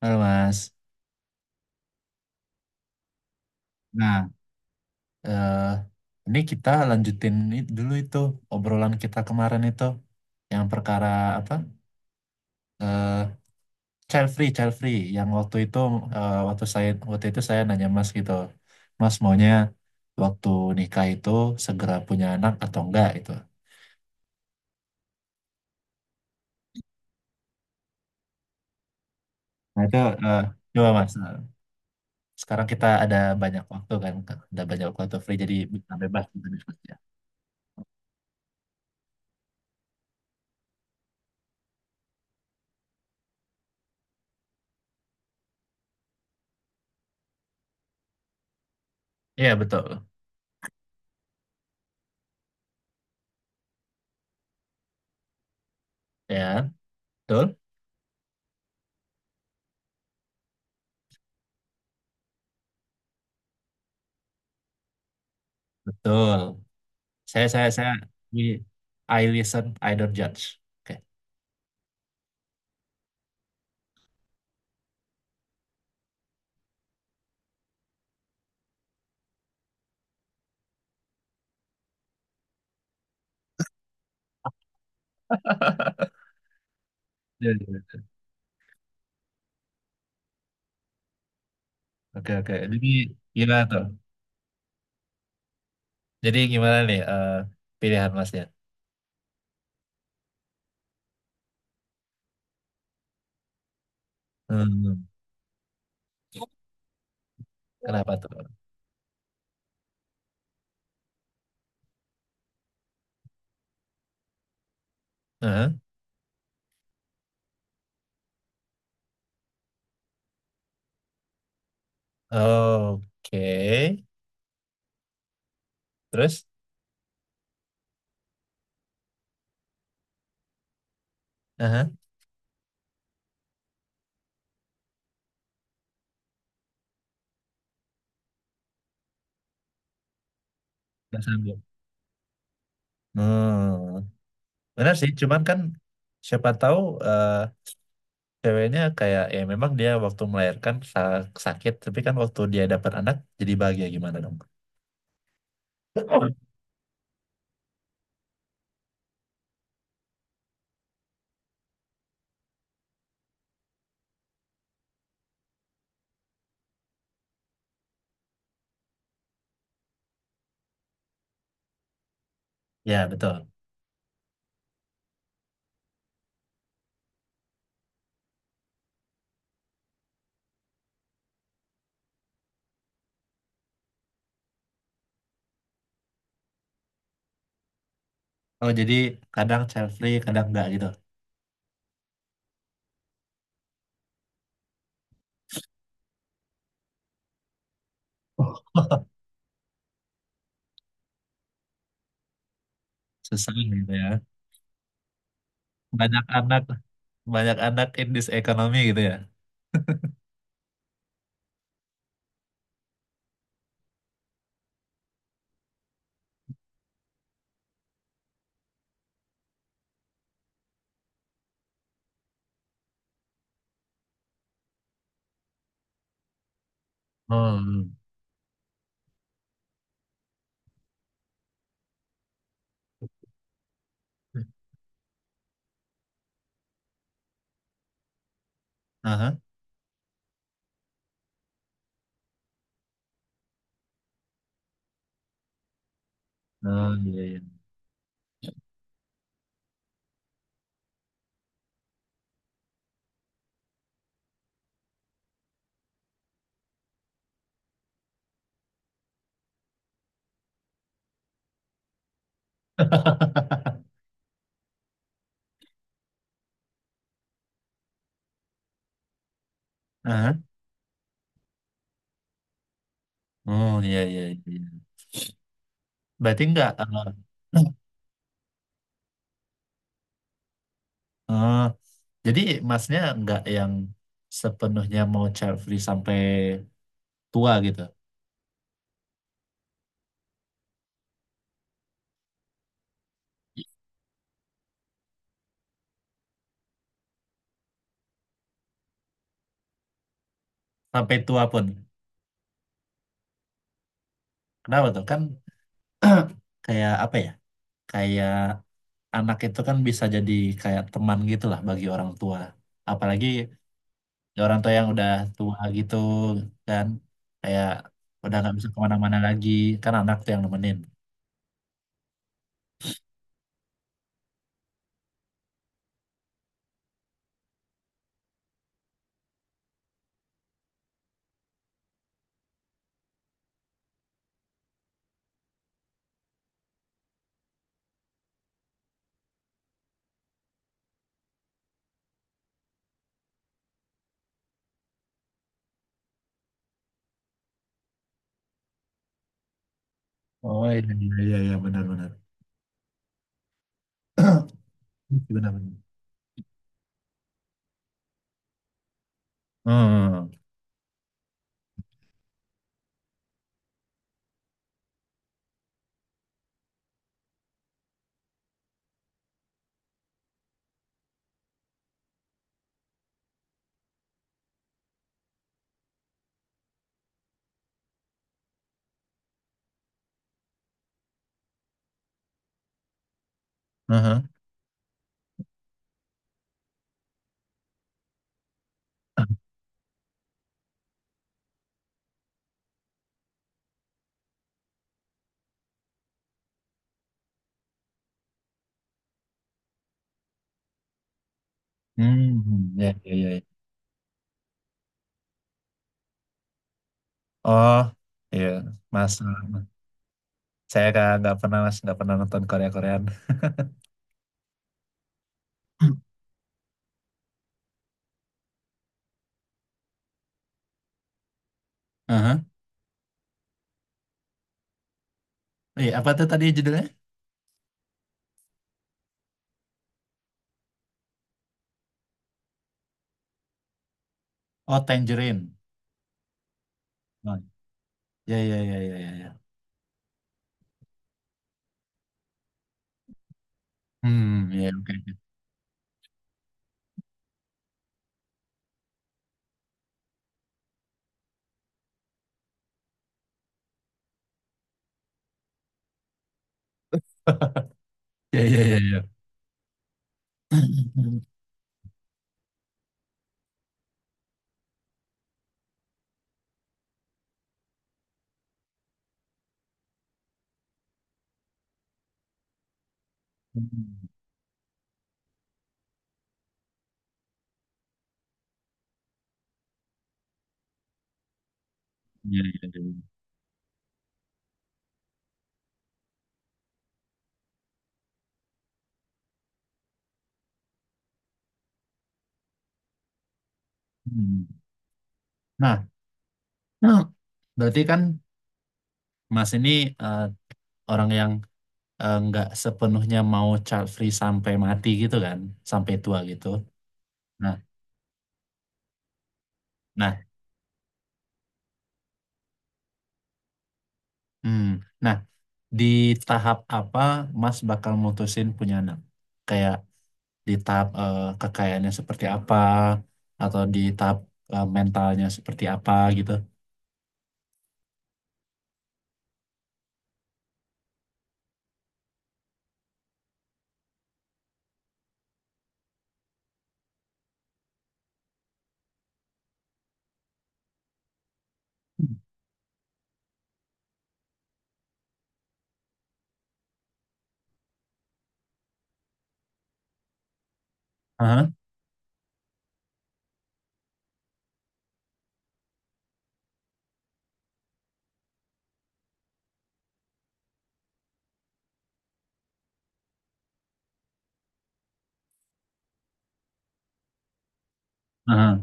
Halo Mas. Nah, eh, ini kita lanjutin dulu itu obrolan kita kemarin itu yang perkara apa? Eh, child free yang waktu itu waktu itu saya nanya Mas gitu. Mas maunya waktu nikah itu segera punya anak atau enggak gitu. Nah, itu eh, coba Mas. Sekarang kita ada banyak waktu kan, ada banyak waktu free jadi bisa bebas gitu diskusinya. Iya, betul. Ya, betul. Betul. Saya ini I listen, I don't judge. Oke. Ya, ya, ya. Oke, oke. Jadi gimana tuh? Jadi gimana nih pilihan Masnya? Hmm, kenapa tuh? Heeh. Oke. Terus? Heeh. Nggak sanggup. Hmm, benar sih. Cuman kan siapa tahu eh, ceweknya kayak ya memang dia waktu melahirkan sakit, tapi kan waktu dia dapat anak jadi bahagia gimana dong? Ya betul. Oh, jadi kadang child free, kadang enggak gitu. Susah gitu ya. Banyak anak, banyak anak in this economy gitu ya. Hmm. Aha. Oh, iya, iya. Aha. Oh, iya, iya, iya. Berarti enggak, oh, jadi masnya enggak yang sepenuhnya mau child free sampai tua gitu. Sampai tua pun. Kenapa tuh? Kan kayak apa ya? Kayak anak itu kan bisa jadi kayak teman gitu lah bagi orang tua. Apalagi orang tua yang udah tua gitu kan, kayak udah nggak bisa kemana-mana lagi, kan anak tuh yang nemenin. Oh iya iya iya iya, benar-benar benar-benar. Hmm, aha. Hmm, ya ya ya. Ya. Oh iya, mas, saya nggak pernah mas nggak pernah nonton Korea Koreaan. Aha. Apa tuh tadi judulnya? Oh Tangerine. Oh, ya ya ya ya ya. Ya. Hmm, ya oke. Ya, ya, ya, ya. Ya, ya, ya. Hmm. Nah, nah, berarti kan Mas ini eh, orang yang nggak sepenuhnya mau child free sampai mati gitu kan, sampai tua gitu. Nah, nah, hmm. Nah, di tahap apa Mas bakal mutusin punya anak? Kayak di tahap kekayaannya seperti apa, atau di tahap mentalnya seperti apa gitu? Hmm. Aha, aha.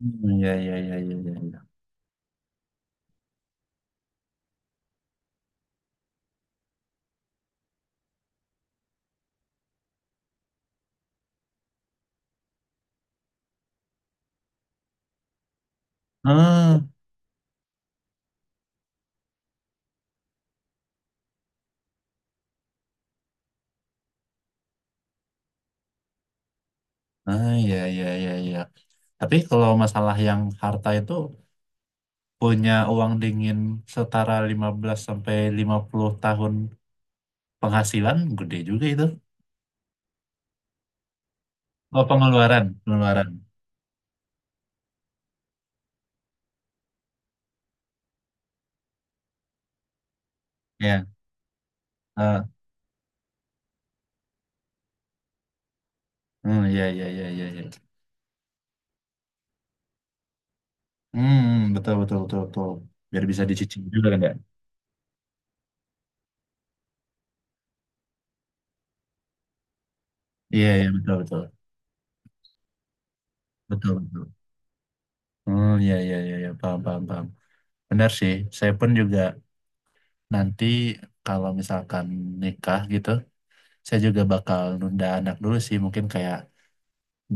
Hmm, ya, ya, ya, ya, ya. Ya. Ah, iya, iya, iya, iya. Tapi kalau masalah yang harta itu punya uang dingin setara 15 sampai 50 tahun penghasilan gede juga itu. Oh, pengeluaran, pengeluaran. Ya. Ah, hmm, iya, iya, iya, iya, iya. Hmm, betul, betul, betul, betul. Biar bisa dicicil juga kan ya. Iya, iya, betul, betul. Betul, betul. Hmm, iya, iya, iya, iya, paham, paham, paham. Benar sih. Saya pun juga nanti kalau misalkan nikah gitu saya juga bakal nunda anak dulu sih mungkin kayak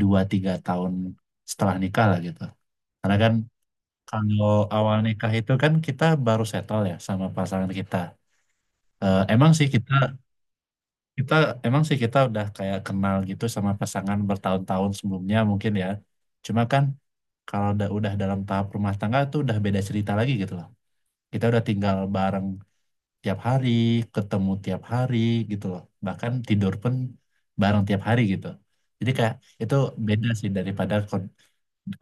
dua tiga tahun setelah nikah lah gitu karena kan kalau awal nikah itu kan kita baru settle ya sama pasangan kita. Emang sih kita kita emang sih kita udah kayak kenal gitu sama pasangan bertahun-tahun sebelumnya mungkin ya cuma kan kalau udah dalam tahap rumah tangga itu udah beda cerita lagi gitu loh. Kita udah tinggal bareng tiap hari, ketemu tiap hari gitu loh. Bahkan tidur pun bareng tiap hari gitu. Jadi kayak itu beda sih daripada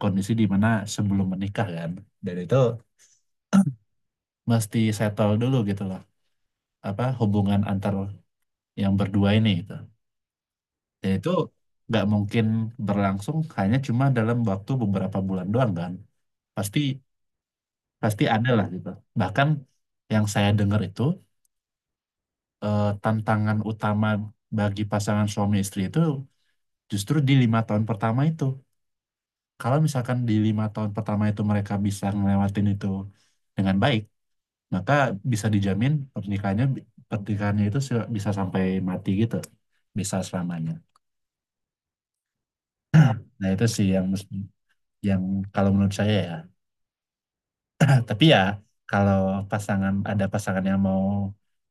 kondisi di mana sebelum menikah kan. Dan itu mesti settle dulu gitu loh. Apa hubungan antar yang berdua ini gitu. Dan itu nggak mungkin berlangsung hanya cuma dalam waktu beberapa bulan doang kan. Pasti pasti ada lah gitu. Bahkan yang saya dengar itu tantangan utama bagi pasangan suami istri itu justru di 5 tahun pertama itu. Kalau misalkan di 5 tahun pertama itu mereka bisa ngelewatin itu dengan baik, maka bisa dijamin pernikahannya pernikahannya itu bisa sampai mati gitu, bisa selamanya. Nah itu sih yang yang kalau menurut saya ya. Tapi ya kalau ada pasangan yang mau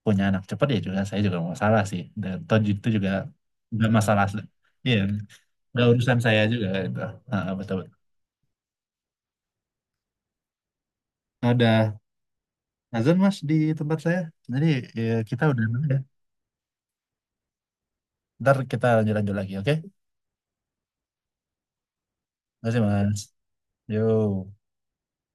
punya anak cepat ya juga saya juga mau salah sih dan toh itu juga nggak masalah, iya nggak urusan saya juga gitu. Ah, betul betul. Nah, Azan mas di tempat saya. Jadi ya, kita udah dulu ya. Ntar kita lanjut-lanjut lagi, oke? Terima kasih mas. Yo.